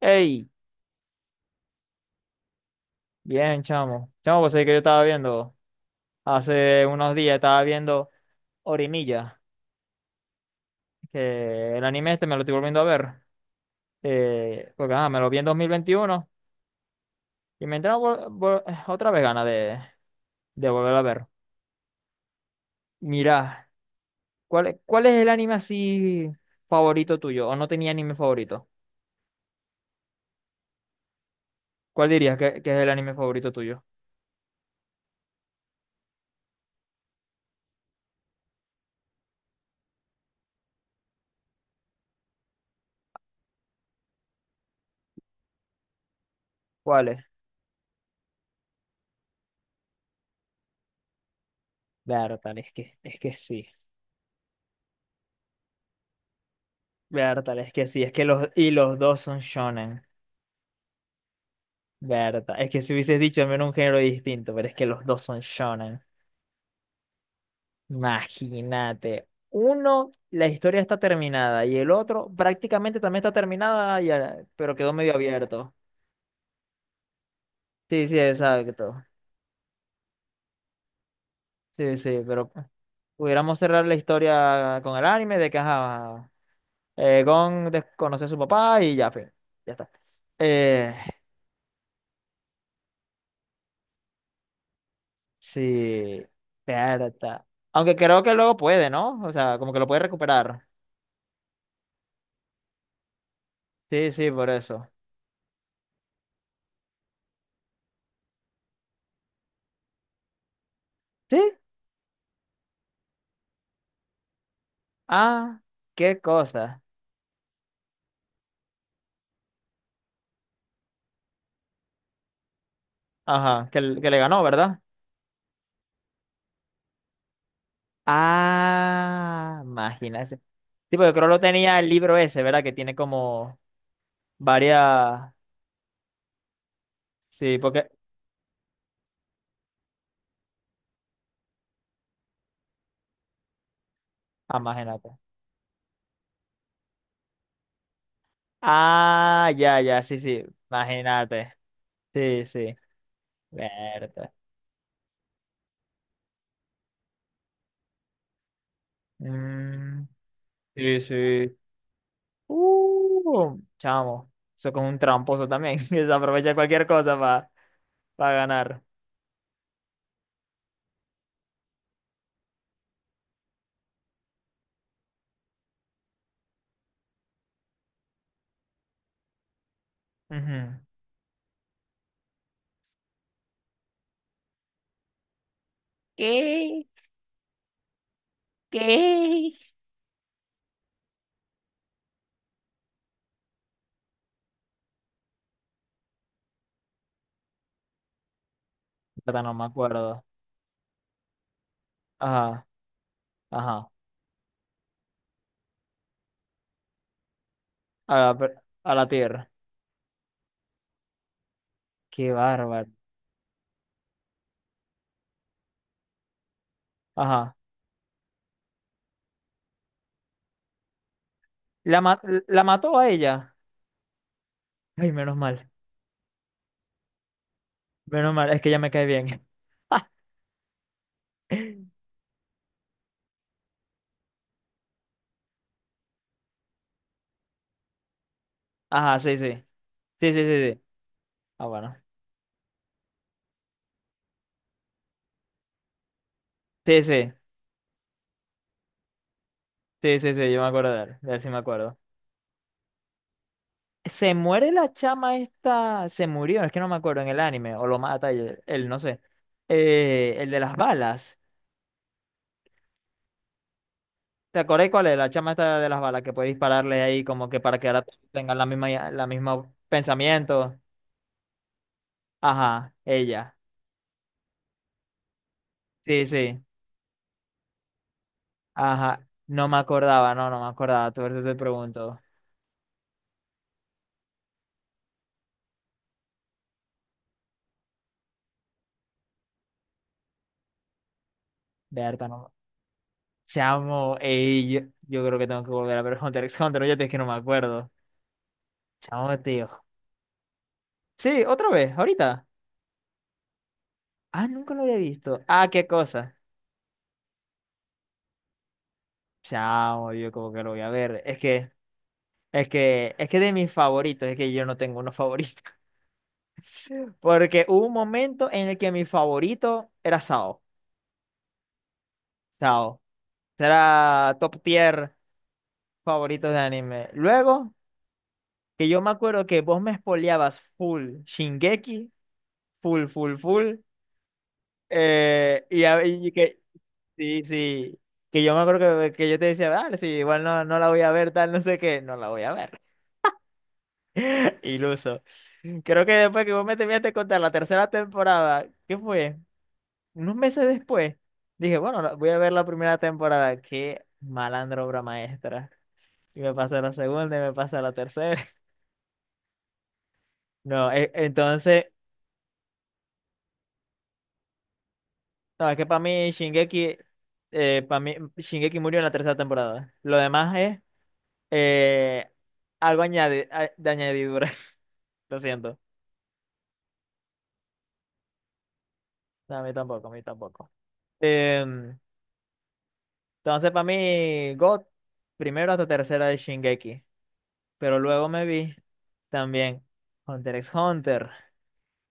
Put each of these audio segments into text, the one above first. Ey, bien, chamo. Chamo, pues es que yo estaba viendo, hace unos días estaba viendo Orimilla, que el anime este me lo estoy volviendo a ver, porque ajá, me lo vi en 2021 y me entraron otra vez ganas de volver a ver. Mirá, ¿ cuál es el anime así favorito tuyo? ¿O no tenía anime favorito? ¿Cuál dirías que es el anime favorito tuyo? ¿Cuál es? Bertal, es que sí. Bertal, es que sí. Es que los dos son shonen. Verdad, es que si hubieses dicho al menos un género distinto, pero es que los dos son shonen. Imagínate, uno, la historia está terminada y el otro prácticamente también está terminada, pero quedó medio abierto. Sí, sí, exacto. Sí, sí, pero pudiéramos cerrar la historia con el anime de que ajá, Gon desconoce a su papá y ya, fin, ya está. Eh, sí, verdad. Aunque creo que luego puede, ¿no? O sea, como que lo puede recuperar. Sí, sí, por eso. ¿Sí? Ah, qué cosa. Ajá, que le ganó, ¿verdad? Ah, imagínate. Sí, porque creo lo tenía el libro ese, ¿verdad? Que tiene como varias. Sí, porque. Ah, imagínate. Ah, ya, ya, sí, sí. Imagínate. Sí, sí. Verte. Mm, sí, sí. Chamo. Eso con un tramposo también. Que se aprovecha cualquier cosa para ganar. Ujú. ¿Qué? ¿Qué? No me acuerdo. Ajá, ajá. A la, per- a la tierra. Qué bárbaro. Ajá. ¿La, ma- la mató a ella? Ay, menos mal. Menos mal, es que ya me cae bien. Ajá, sí, sí. Sí, sí, sí, sí. Ah, bueno. Sí, sí. Sí, sí, sí, yo me acuerdo de él. De él sí me acuerdo. Se muere la chama esta. Se murió, es que no me acuerdo en el anime. O lo mata él, no sé. El de las balas. ¿Te acordáis cuál es? La chama esta de las balas que puede dispararle ahí como que para que ahora tengan la misma pensamiento. Ajá, ella. Sí, sí. Ajá. No me acordaba, no me acordaba. Tú ahorita te pregunto. Berta, no. Chamo, ey, yo creo que tengo que volver a ver Hunter x Hunter. Oye, es que no me acuerdo. Chamo, tío. Sí, otra vez, ahorita. Ah, nunca lo había visto. Ah, qué cosa. Chamo, yo como que lo voy a ver. Es que de mis favoritos, es que yo no tengo unos favoritos. Porque hubo un momento en el que mi favorito era Sao. Sao. Era top tier favorito de anime. Luego, que yo me acuerdo que vos me spoileabas full Shingeki, full, full, full. Y que, sí, sí. Que yo me acuerdo que yo te decía, vale, sí, igual no, no la voy a ver, tal, no sé qué, no la voy a ver. Iluso. Creo que después que vos me terminaste de contar la tercera temporada, ¿qué fue? Unos meses después, dije, bueno, voy a ver la primera temporada. Qué malandro obra maestra. Y me pasé la segunda y me pasé la tercera. No, entonces, no, es que para mí Shingeki murió en la tercera temporada. Lo demás es eh, algo añade, de añadidura. Lo siento. No, a mí tampoco, a mí tampoco. Em, entonces, para mí, God, primero hasta tercera de Shingeki. Pero luego me vi también Hunter x Hunter,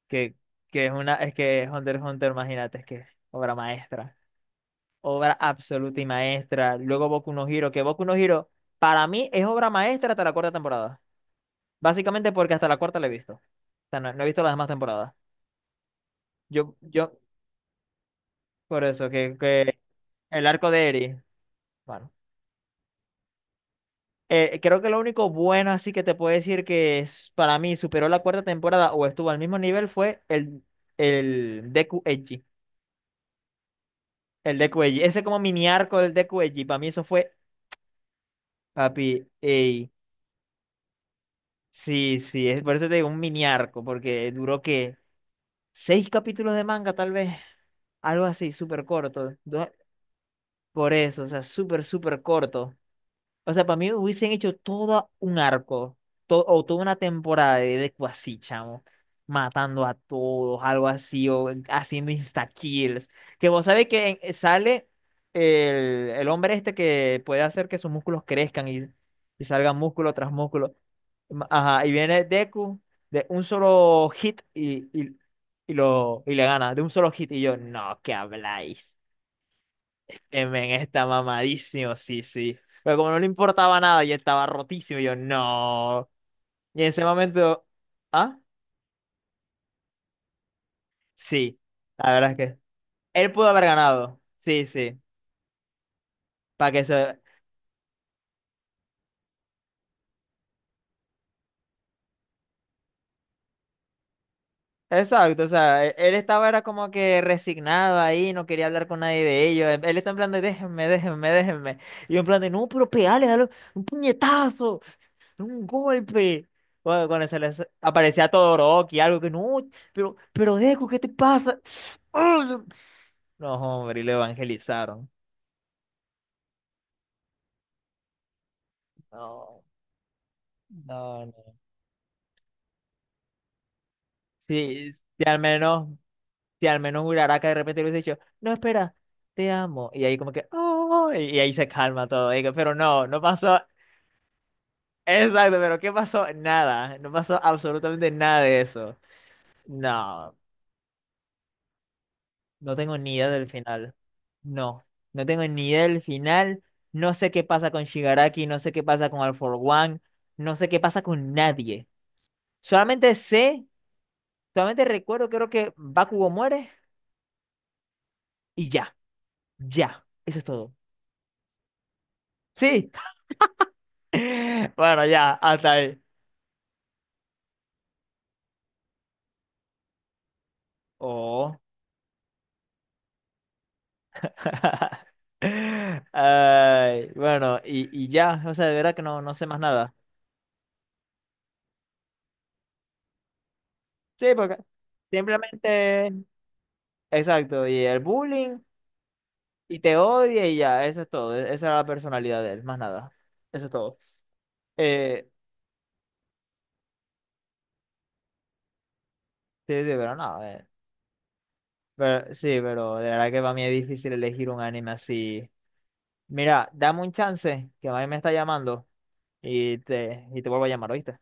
que, que es una, es que Hunter x Hunter, imagínate, es que es obra maestra, obra absoluta y maestra. Luego Boku no Hero, que Boku no Hero para mí es obra maestra hasta la cuarta temporada. Básicamente porque hasta la cuarta la he visto. O sea, no, no he visto las demás temporadas. Yo, yo, por eso, que el arco de Eri, bueno. Creo que lo único bueno así que te puedo decir que es, para mí superó la cuarta temporada o estuvo al mismo nivel fue el Deku Eiji. El Deku Eiji. Ese como mini arco del Deku Eiji. Para mí eso fue Papi, ey, sí, sí, es por eso te digo un mini arco, porque duró que seis capítulos de manga, tal vez, algo así, súper corto. Por eso, o sea, súper, súper corto. O sea, para mí hubiesen hecho todo un arco, o toda una temporada de Deku así, chamo, matando a todos, algo así, o haciendo insta-kills. Que vos sabés que sale el hombre este que puede hacer que sus músculos crezcan y salgan músculo tras músculo. Ajá, y viene Deku de un solo hit y le gana, de un solo hit. Y yo, no, ¿qué habláis? El men está mamadísimo, sí, sí. Pero como no le importaba nada y estaba rotísimo, yo, no. Y en ese momento, ¿ah? Sí, la verdad es que él pudo haber ganado. Sí, sí. Para que se, Exacto, o sea, él estaba era como que resignado ahí, no quería hablar con nadie de ellos. Él está en plan de déjenme, déjenme, déjenme. Y yo en plan de no, pero pegale, dale un puñetazo, un golpe. Bueno, cuando se les aparecía Todoroki, algo que no, pero Deku, ¿qué te pasa? ¡Ah! No, hombre, y lo evangelizaron. No, no, no. Sí, sí, al menos. Si al menos un Uraraka de repente le hubiese dicho, no, espera, te amo. Y ahí como que, oh, y ahí se calma todo. Y digo, pero no, no pasó. Exacto, pero ¿qué pasó? Nada. No pasó absolutamente nada de eso. No, no tengo ni idea del final. No, no tengo ni idea del final. No sé qué pasa con Shigaraki, no sé qué pasa con All For One, no sé qué pasa con nadie. Solamente sé, solamente recuerdo, creo que Bakugo muere y ya, ya, eso es todo. Sí, bueno, ya, hasta ahí. Oh. Ay, bueno, y ya, o sea, de verdad que no, no sé más nada. Sí, porque simplemente, exacto, y el bullying, y te odia y ya, eso es todo. Esa era la personalidad de él, más nada. Eso es todo. Eh, sí, sí, pero no, pero, sí, pero de verdad que para mí es difícil elegir un anime así. Mira, dame un chance, que a mí me está llamando, y te vuelvo a llamar, ¿oíste?